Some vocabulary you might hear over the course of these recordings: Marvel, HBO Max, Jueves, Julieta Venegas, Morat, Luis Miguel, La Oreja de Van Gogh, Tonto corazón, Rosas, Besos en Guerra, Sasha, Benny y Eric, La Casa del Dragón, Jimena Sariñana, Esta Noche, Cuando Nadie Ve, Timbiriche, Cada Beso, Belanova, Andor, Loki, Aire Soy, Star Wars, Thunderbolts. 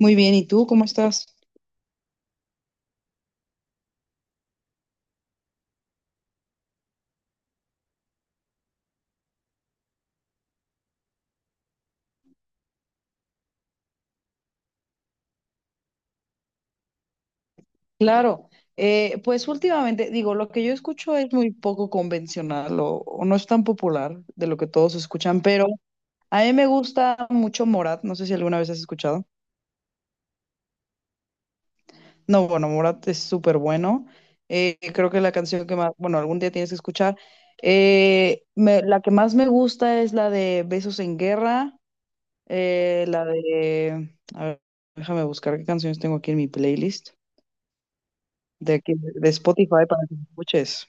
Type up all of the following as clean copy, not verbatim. Muy bien, ¿y tú cómo estás? Claro, pues últimamente, digo, lo que yo escucho es muy poco convencional o no es tan popular de lo que todos escuchan, pero a mí me gusta mucho Morat, no sé si alguna vez has escuchado. No, bueno, Morat es súper bueno. Creo que la canción que más, bueno, algún día tienes que escuchar. La que más me gusta es la de Besos en Guerra, la de, a ver, déjame buscar qué canciones tengo aquí en mi playlist de aquí de Spotify para que escuches.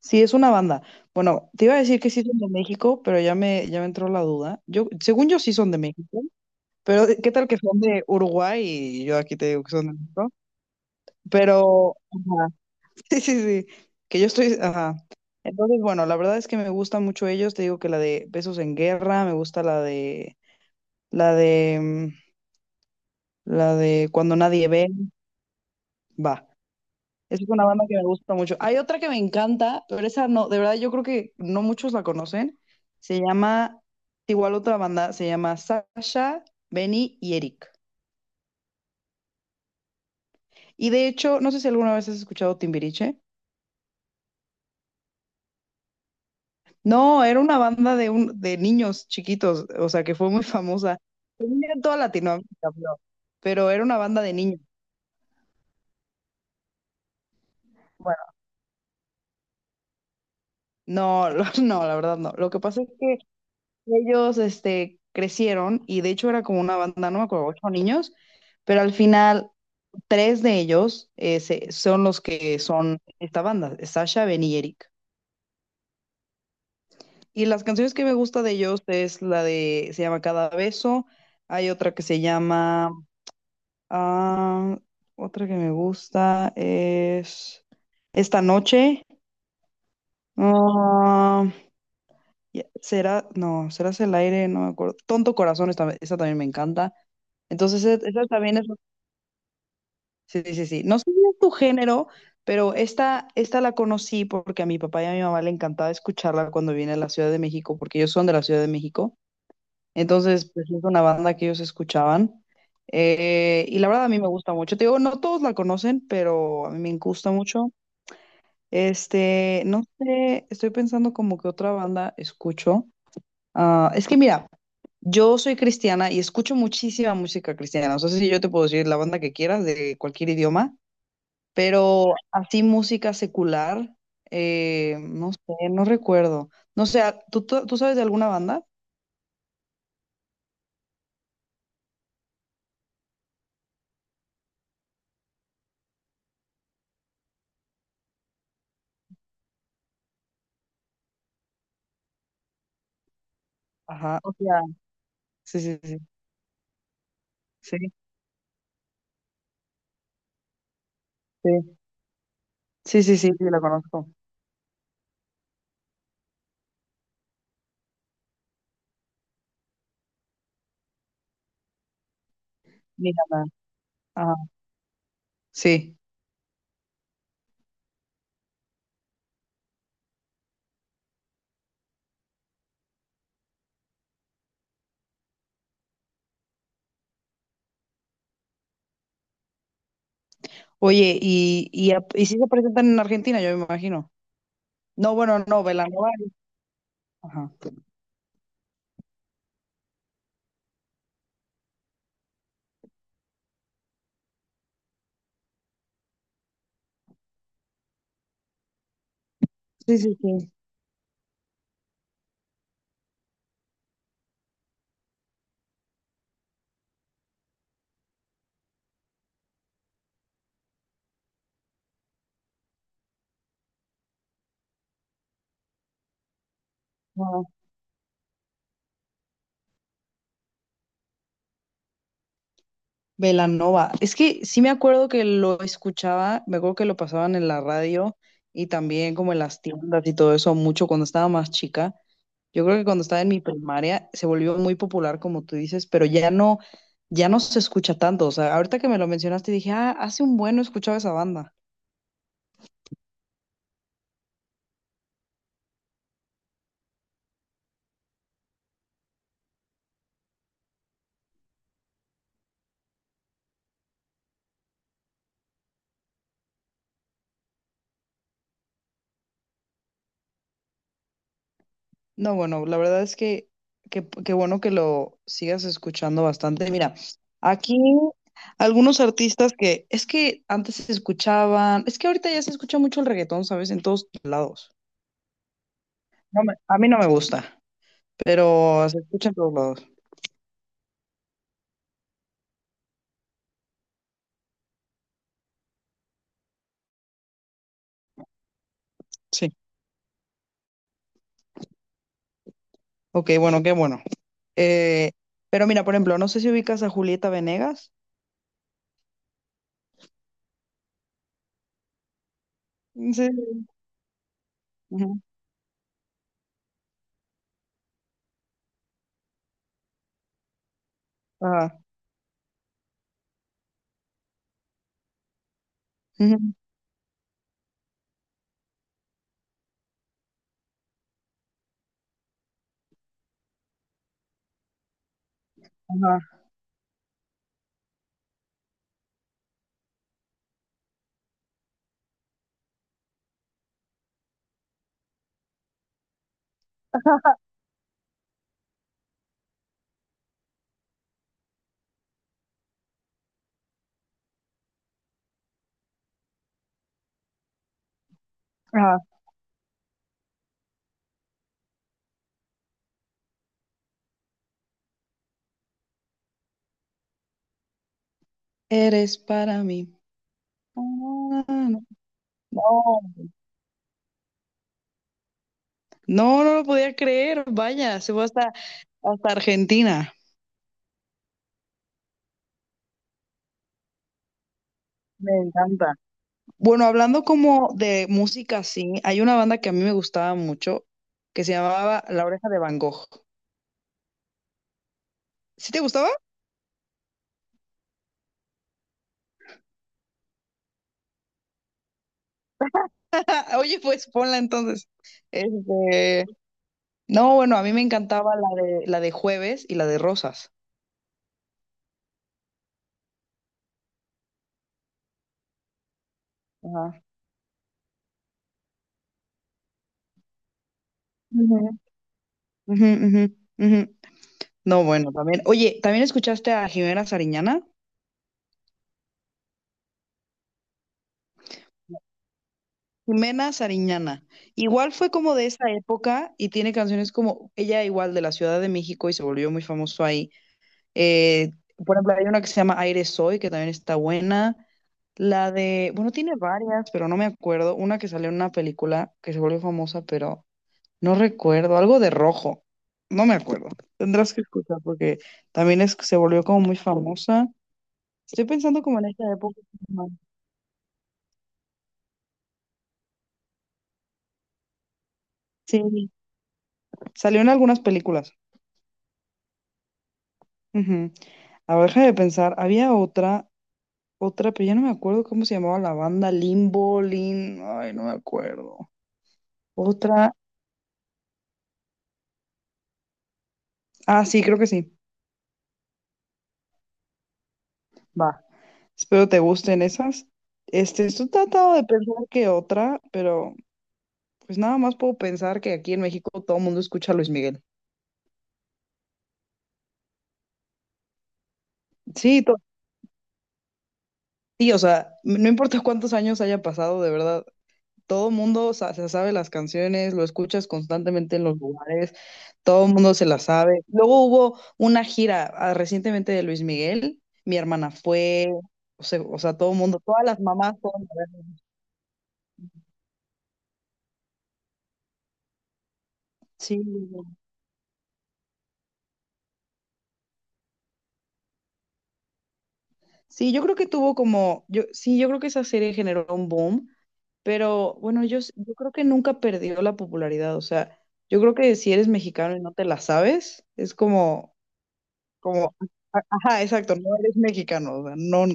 Sí, es una banda. Bueno, te iba a decir que sí son de México, pero ya me entró la duda. Yo, según yo sí son de México, pero ¿qué tal que son de Uruguay? Y yo aquí te digo que son de México. Pero, ajá, sí, sí, sí, que yo estoy, ajá. Entonces, bueno, la verdad es que me gustan mucho ellos. Te digo que la de Besos en Guerra, me gusta la de, mm, la de Cuando Nadie Ve, va. Esa es una banda que me gusta mucho. Hay otra que me encanta, pero esa no, de verdad yo creo que no muchos la conocen. Se llama, igual otra banda, se llama Sasha, Benny y Eric. Y de hecho, no sé si alguna vez has escuchado Timbiriche. No, era una banda de, un, de niños chiquitos, o sea, que fue muy famosa. Tenía en toda Latinoamérica, pero era una banda de niños. Bueno, no, no, la verdad no. Lo que pasa es que ellos, este, crecieron y de hecho era como una banda, no me acuerdo, ocho niños, pero al final tres de ellos son los que son esta banda, Sasha, Ben y Eric. Y las canciones que me gusta de ellos es la de, se llama Cada Beso, hay otra que se llama, ah, otra que me gusta es Esta Noche, ah, Ya, Será, no, serás el aire, no me acuerdo. Tonto corazón, esta también me encanta. Entonces, esa también es. Sí, sí, sí, sí. No sé si es tu género, pero esta la conocí porque a mi papá y a mi mamá le encantaba escucharla cuando viene a la Ciudad de México, porque ellos son de la Ciudad de México. Entonces, pues es una banda que ellos escuchaban. Y la verdad a mí me gusta mucho. Te digo, no todos la conocen, pero a mí me gusta mucho. Este, no sé, estoy pensando como que otra banda escucho. Ah, es que mira, yo soy cristiana y escucho muchísima música cristiana. O sea, si yo te puedo decir la banda que quieras de cualquier idioma, pero así música secular, no sé, no recuerdo. No sé, ah, ¿tú sabes de alguna banda? Ajá, o sea, sí, sí, sí, sí, sí, sí, sí, sí, sí, la conozco. Mira, ajá, sí. Oye, y sí se presentan en Argentina, yo me imagino. No, bueno, no, Belanova. Ajá. Sí, sí, sí. Belanova. Es que sí me acuerdo que lo escuchaba, me acuerdo que lo pasaban en la radio y también como en las tiendas y todo eso mucho cuando estaba más chica. Yo creo que cuando estaba en mi primaria se volvió muy popular, como tú dices, pero ya no, ya no se escucha tanto. O sea, ahorita que me lo mencionaste dije, ah, hace un bueno escuchaba esa banda. No, bueno, la verdad es que qué bueno que lo sigas escuchando bastante. Mira, aquí algunos artistas que es que antes se escuchaban, es que ahorita ya se escucha mucho el reggaetón, ¿sabes? En todos lados. A mí no me gusta, pero se escucha en todos lados. Sí. Ok, bueno, qué bueno. Eh, pero mira, por ejemplo, no sé si ubicas a Julieta Venegas. Sí. Ujú. Ajá. Ujú. Ajá. Ajá. Eres para mí. Ah. No. No, no lo podía creer, vaya, se fue hasta, hasta Argentina. Me encanta. Bueno, hablando como de música, sí, hay una banda que a mí me gustaba mucho que se llamaba La Oreja de Van Gogh. ¿Sí te gustaba? Oye, pues ponla entonces. Este, no, bueno, a mí me encantaba la de Jueves y la de Rosas. Ajá. Ujú. Ujú, ujú, ujú. No, bueno, también. Oye, ¿también escuchaste a Jimena Sariñana? Jimena Sariñana. Igual fue como de esa época y tiene canciones como ella igual de la Ciudad de México y se volvió muy famoso ahí. Eh, por ejemplo, hay una que se llama Aire Soy, que también está buena. La de, bueno, tiene varias, pero no me acuerdo. Una que salió en una película que se volvió famosa, pero no recuerdo. Algo de rojo. No me acuerdo. Tendrás que escuchar porque también es, se volvió como muy famosa. Estoy pensando como en esa época. Sí, salió en algunas películas. Ujú. A ver, de pensar. Había otra, pero ya no me acuerdo cómo se llamaba la banda. Limbo, Lin. Ay, no me acuerdo. Otra. Ah, sí, creo que sí. Va. Espero te gusten esas. Este, estoy tratando de pensar que otra, pero pues nada más puedo pensar que aquí en México todo el mundo escucha a Luis Miguel. Sí, sí, o sea, no importa cuántos años haya pasado, de verdad. Todo el mundo se sabe las canciones, lo escuchas constantemente en los lugares, todo el mundo se las sabe. Luego hubo una gira ah, recientemente de Luis Miguel, mi hermana fue, o sea, todo el mundo, todas las mamás fueron a verlo. Sí, sí, yo creo que tuvo como, yo, sí, yo creo que esa serie generó un boom, pero bueno, yo creo que nunca perdió la popularidad, o sea, yo creo que si eres mexicano y no te la sabes, es como, como, ajá, exacto, no eres mexicano, o sea, no,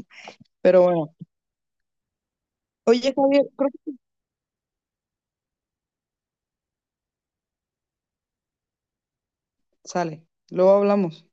pero bueno. Oye, Javier, creo que sale. Luego hablamos.